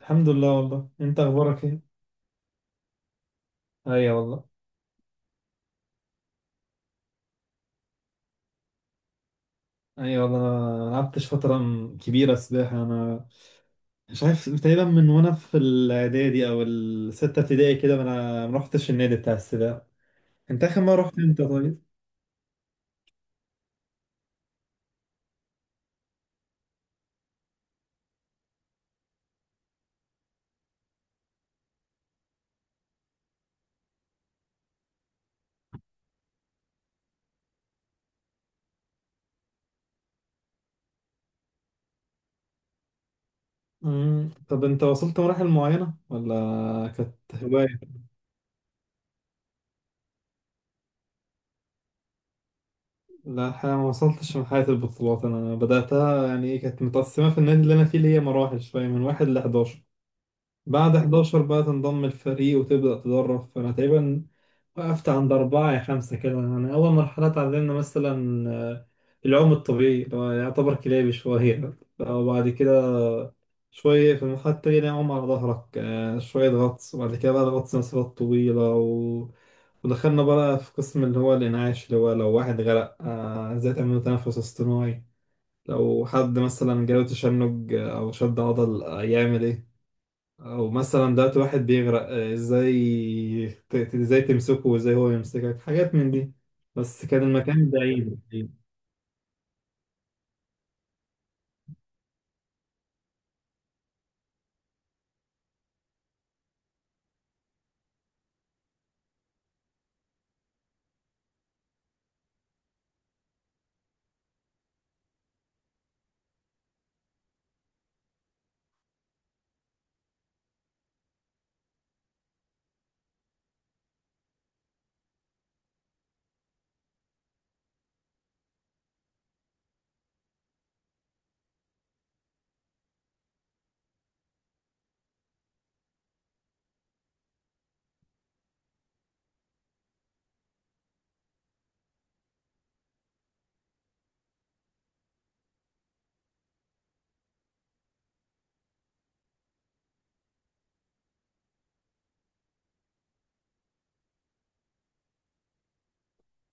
الحمد لله. والله انت اخبارك ايه؟ ايوه والله. ايوه والله، انا لعبتش فتره كبيره سباحه، انا مش عارف. تقريبا من وانا في الاعدادي او السته ابتدائي كده، ما انا ما رحتش النادي بتاع السباحه. انت اخر مره رحت امتى؟ طيب. طب انت وصلت مراحل معينه ولا كانت هوايه؟ لا الحقيقه ما وصلتش. من حياه البطولات انا بداتها، يعني ايه، كانت متقسمه في النادي اللي انا فيه، اللي هي مراحل شويه من واحد ل 11. بعد 11 بقى تنضم الفريق وتبدأ تدرب، فأنا تقريبا وقفت عند أربعة يا خمسة كده. يعني أول مرحلة اتعلمنا مثلا العوم الطبيعي، اللي هو يعتبر كلابي شوية. وبعد كده شوية في المرحلة التانية اللي هي عوم على ظهرك، شوية غطس. وبعد كده بقى الغطس مسافات طويلة ودخلنا بقى في قسم اللي هو الإنعاش، اللي هو لو واحد غرق إزاي تعمل له تنفس اصطناعي، لو حد مثلا جاله تشنج أو شد عضل يعمل إيه، او مثلا دلوقتي واحد بيغرق ازاي ازاي تمسكه، وازاي هو يمسكك، حاجات من دي. بس كان المكان بعيد بعيد.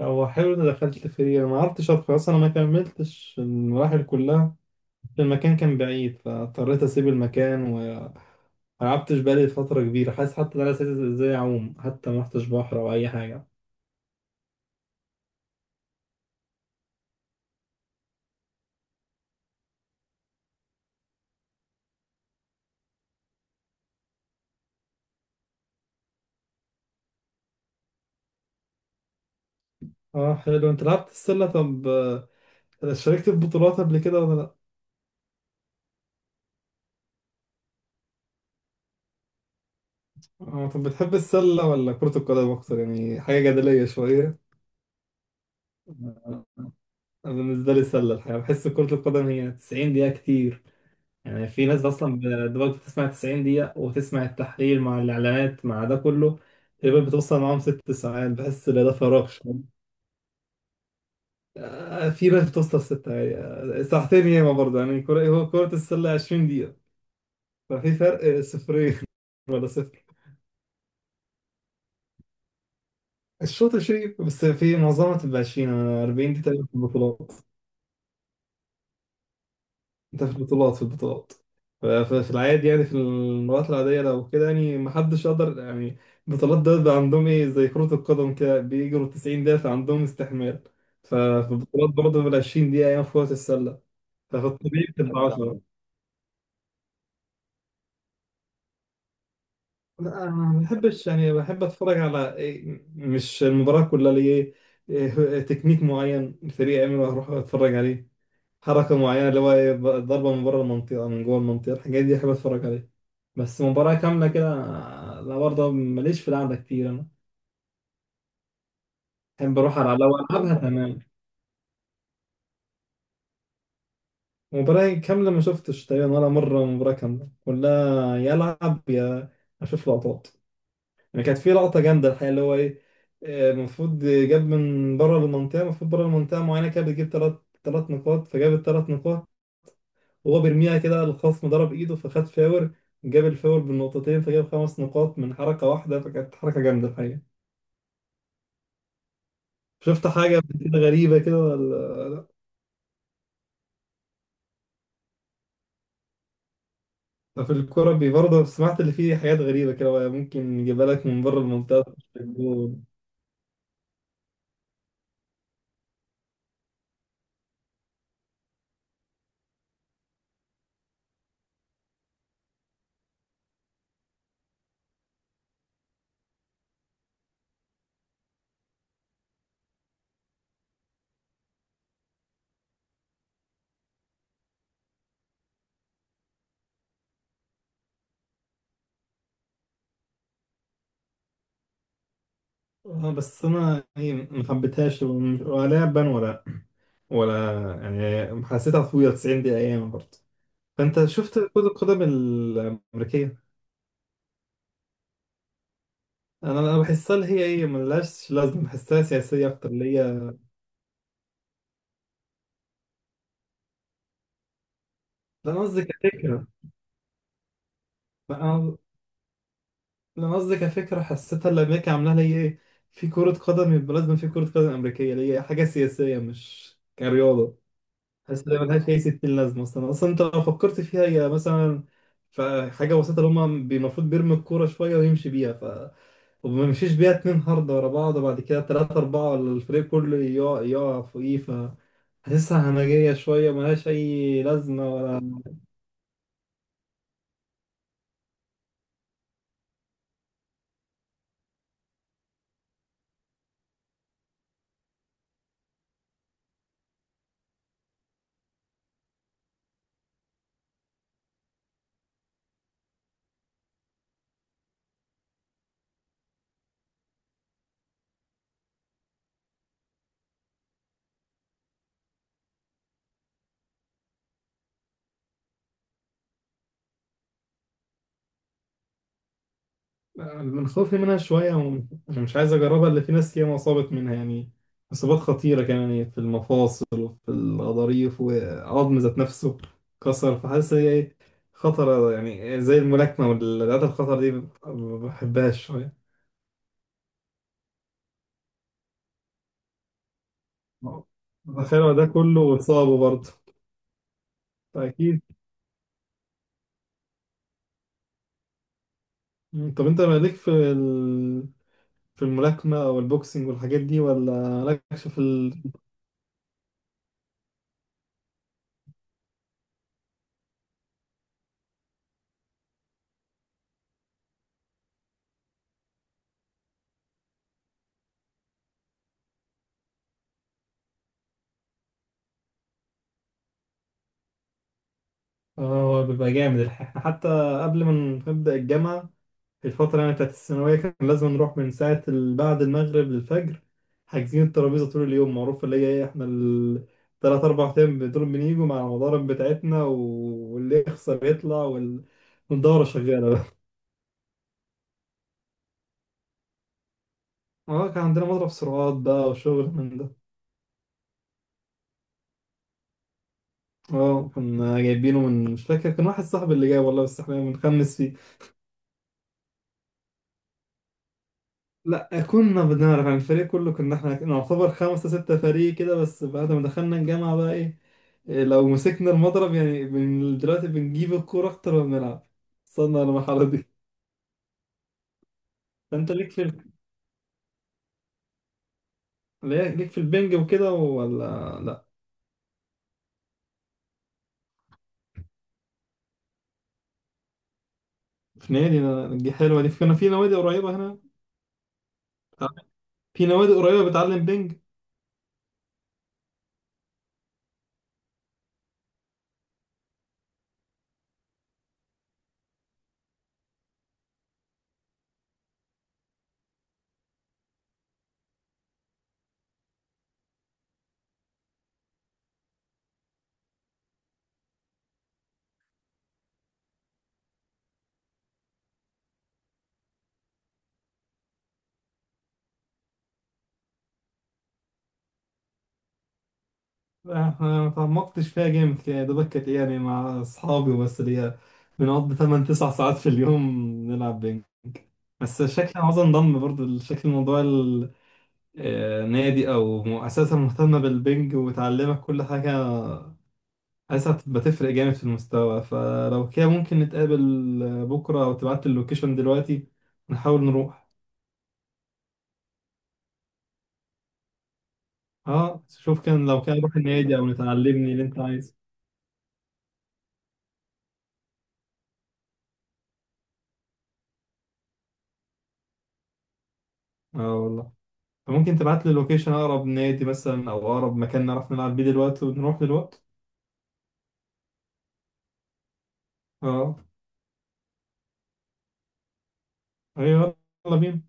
هو حلو اني دخلت فيه، انا ما عرفتش ادخل اصلا، انا ما كملتش المراحل كلها. المكان كان بعيد فاضطريت اسيب المكان، وما لعبتش بالي فترة كبيرة. حاسس حتى ان انا نسيت ازاي اعوم، حتى ما رحتش بحر او اي حاجة. اه حلو. انت لعبت السلة، طب شاركت في بطولات قبل كده ولا لا؟ اه طب بتحب السلة ولا كرة القدم أكتر؟ يعني حاجة جدلية شوية. أنا بالنسبة لي السلة. الحقيقة بحس كرة القدم هي 90 دقيقة كتير، يعني في ناس أصلا دلوقتي بتسمع 90 دقيقة وتسمع التحليل مع الإعلانات مع ده كله، تقريبا بتوصل معاهم 6 ساعات. بحس إن ده فراغ شوية. في ناس بتوصل ستة يعني، ساعتين ياما برضه. يعني كرة، هو كرة السلة 20 دقيقة، ففي فرق صفرين ولا صفر. الشوط 20، بس في معظمها تبقى 20. أنا 40 دي تقريبا في البطولات. ده في البطولات، في العادي، يعني في المرات العادية لو كده، يعني محدش يقدر يعني. البطولات ده بيبقى عندهم ايه، زي كرة القدم كده بيجروا 90 دقيقة، فعندهم استحمال. ففي البطولات برضه بال 20 دقيقة أيام في كرة السلة. ففي الطبيعي بتبقى بتحب 10. لا أنا ما بحبش. يعني بحب أتفرج على إيه، مش المباراة كلها، ليه؟ إيه تكنيك معين الفريق يعمله، هروح أتفرج عليه. حركة معينة اللي هو إيه، ضربة من بره المنطقة، من جوه المنطقة، الحاجات دي أحب أتفرج عليها. بس مباراة كاملة كده لا. برضه ماليش في القعدة كتير أنا. أحب أروح على لو ألعبها تمام. مباراة كاملة ما شفتش تقريبا ولا مرة مباراة كاملة كلها يلعب. يا أشوف لقطات. يعني كانت في لقطة جامدة الحقيقة، اللي هو إيه، المفروض جاب من بره المنطقة، المفروض بره المنطقة معينة كده بتجيب تلات نقاط، فجاب التلات نقاط. هو بيرميها كده، الخصم ضرب ايده فخد فاور. جاب الفاور بالنقطتين فجاب 5 نقاط من حركة واحدة، فكانت حركة جامدة الحقيقة. شفت حاجة قبل كده غريبة كده ولا؟ لا في الكورة برضه سمعت اللي فيه حاجات غريبة كده، ممكن يجيبها لك من بره المنطقة مش في الجول. اه بس انا يعني ما حبيتهاش، ولا بان ولا، يعني حسيتها طويلة 90 دقيقة ايام برضه. فانت شفت كرة القدم الأمريكية؟ انا بحسها اللي هي ايه، ملهاش لازمه، بحسها سياسيه اكتر اللي هي. لا أنا قصدي كفكرة. لا أنا لا أنا قصدي كفكرة، حسيتها اللي أمريكا عاملاها ليه إيه، في كرة قدم يبقى لازم في كرة قدم أمريكية ليه، حاجة سياسية مش كرياضة. حاسس إن ملهاش أي ستين لازمة أصلا. أصلا أنت لو فكرت فيها، هي مثلا في حاجة بسيطة اللي هما المفروض بيرمي الكورة شوية ويمشي بيها، وما يمشيش بيها اتنين هاردة ورا بعض، وبعد كده تلاتة أربعة ولا الفريق كله يقع يقع فوقيه. حاسسها همجية شوية، ملهاش أي لازمة ولا. من خوفي منها شوية أنا مش عايز أجربها. اللي في ناس ياما أصابت منها، يعني إصابات خطيرة كمان، يعني في المفاصل وفي الغضاريف وعظم ذات نفسه كسر. فحاسس هي إيه، خطرة يعني، زي الملاكمة والرياضات الخطر دي، ما بحبهاش شوية. تخيل ده كله وإصابه برضه، فأكيد. طب أنت مالك في في الملاكمة أو البوكسينج والحاجات دي، ولا مالكش في آه هو بيبقى جامد الحقيقة. حتى قبل ما نبدأ الجامعة، الفترة يعني بتاعت الثانوية، كان لازم نروح من ساعة بعد المغرب للفجر، حاجزين الترابيزة طول اليوم، معروف. اللي هي ايه، احنا التلات أربع أيام دول بنيجوا مع المضارب بتاعتنا واللي يخسر يطلع والدورة شغالة بقى. اه كان عندنا مضرب سرعات بقى وشغل من ده. اه كنا جايبينه من، مش فاكر، كان واحد صاحبي اللي جاي والله، بس احنا بنخمس فيه. لا كنا بنعرف يعني. الفريق كله كنا احنا نعتبر خمسة ستة فريق كده. بس بعد ما دخلنا الجامعة بقى ايه، لو مسكنا المضرب يعني من دلوقتي بنجيب الكورة أكتر ما بنلعب. وصلنا للمرحلة دي. فأنت ليك في ليك في البنج وكده ولا لأ؟ في نادي، دي حلوة. دي كنا في نوادي قريبة هنا، في نوادي قريبة بتعلم بنج. احنا ما تعمقتش فيها جامد، يعني دوبك كانت إيه، يعني مع اصحابي وبس، اللي هي بنقضي 8 9 ساعات في اليوم نلعب بينج. بس شكل عاوز انضم برضو شكل موضوع النادي او مؤسسه مهتمه بالبنج وتعلمك كل حاجه. حاسسها بتبقى تفرق جامد في المستوى، فلو كده ممكن نتقابل بكره، او تبعت اللوكيشن دلوقتي نحاول نروح. اه شوف، لو كان نروح النادي او نتعلمني اللي انت عايزه. اه والله. فممكن تبعت لي لوكيشن اقرب نادي مثلا او اقرب مكان نعرف نلعب بيه دلوقتي، ونروح دلوقتي. اه. ايوه. يلا بينا.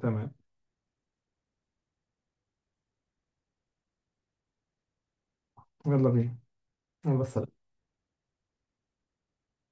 تمام. يلا بينا. يلا سلام.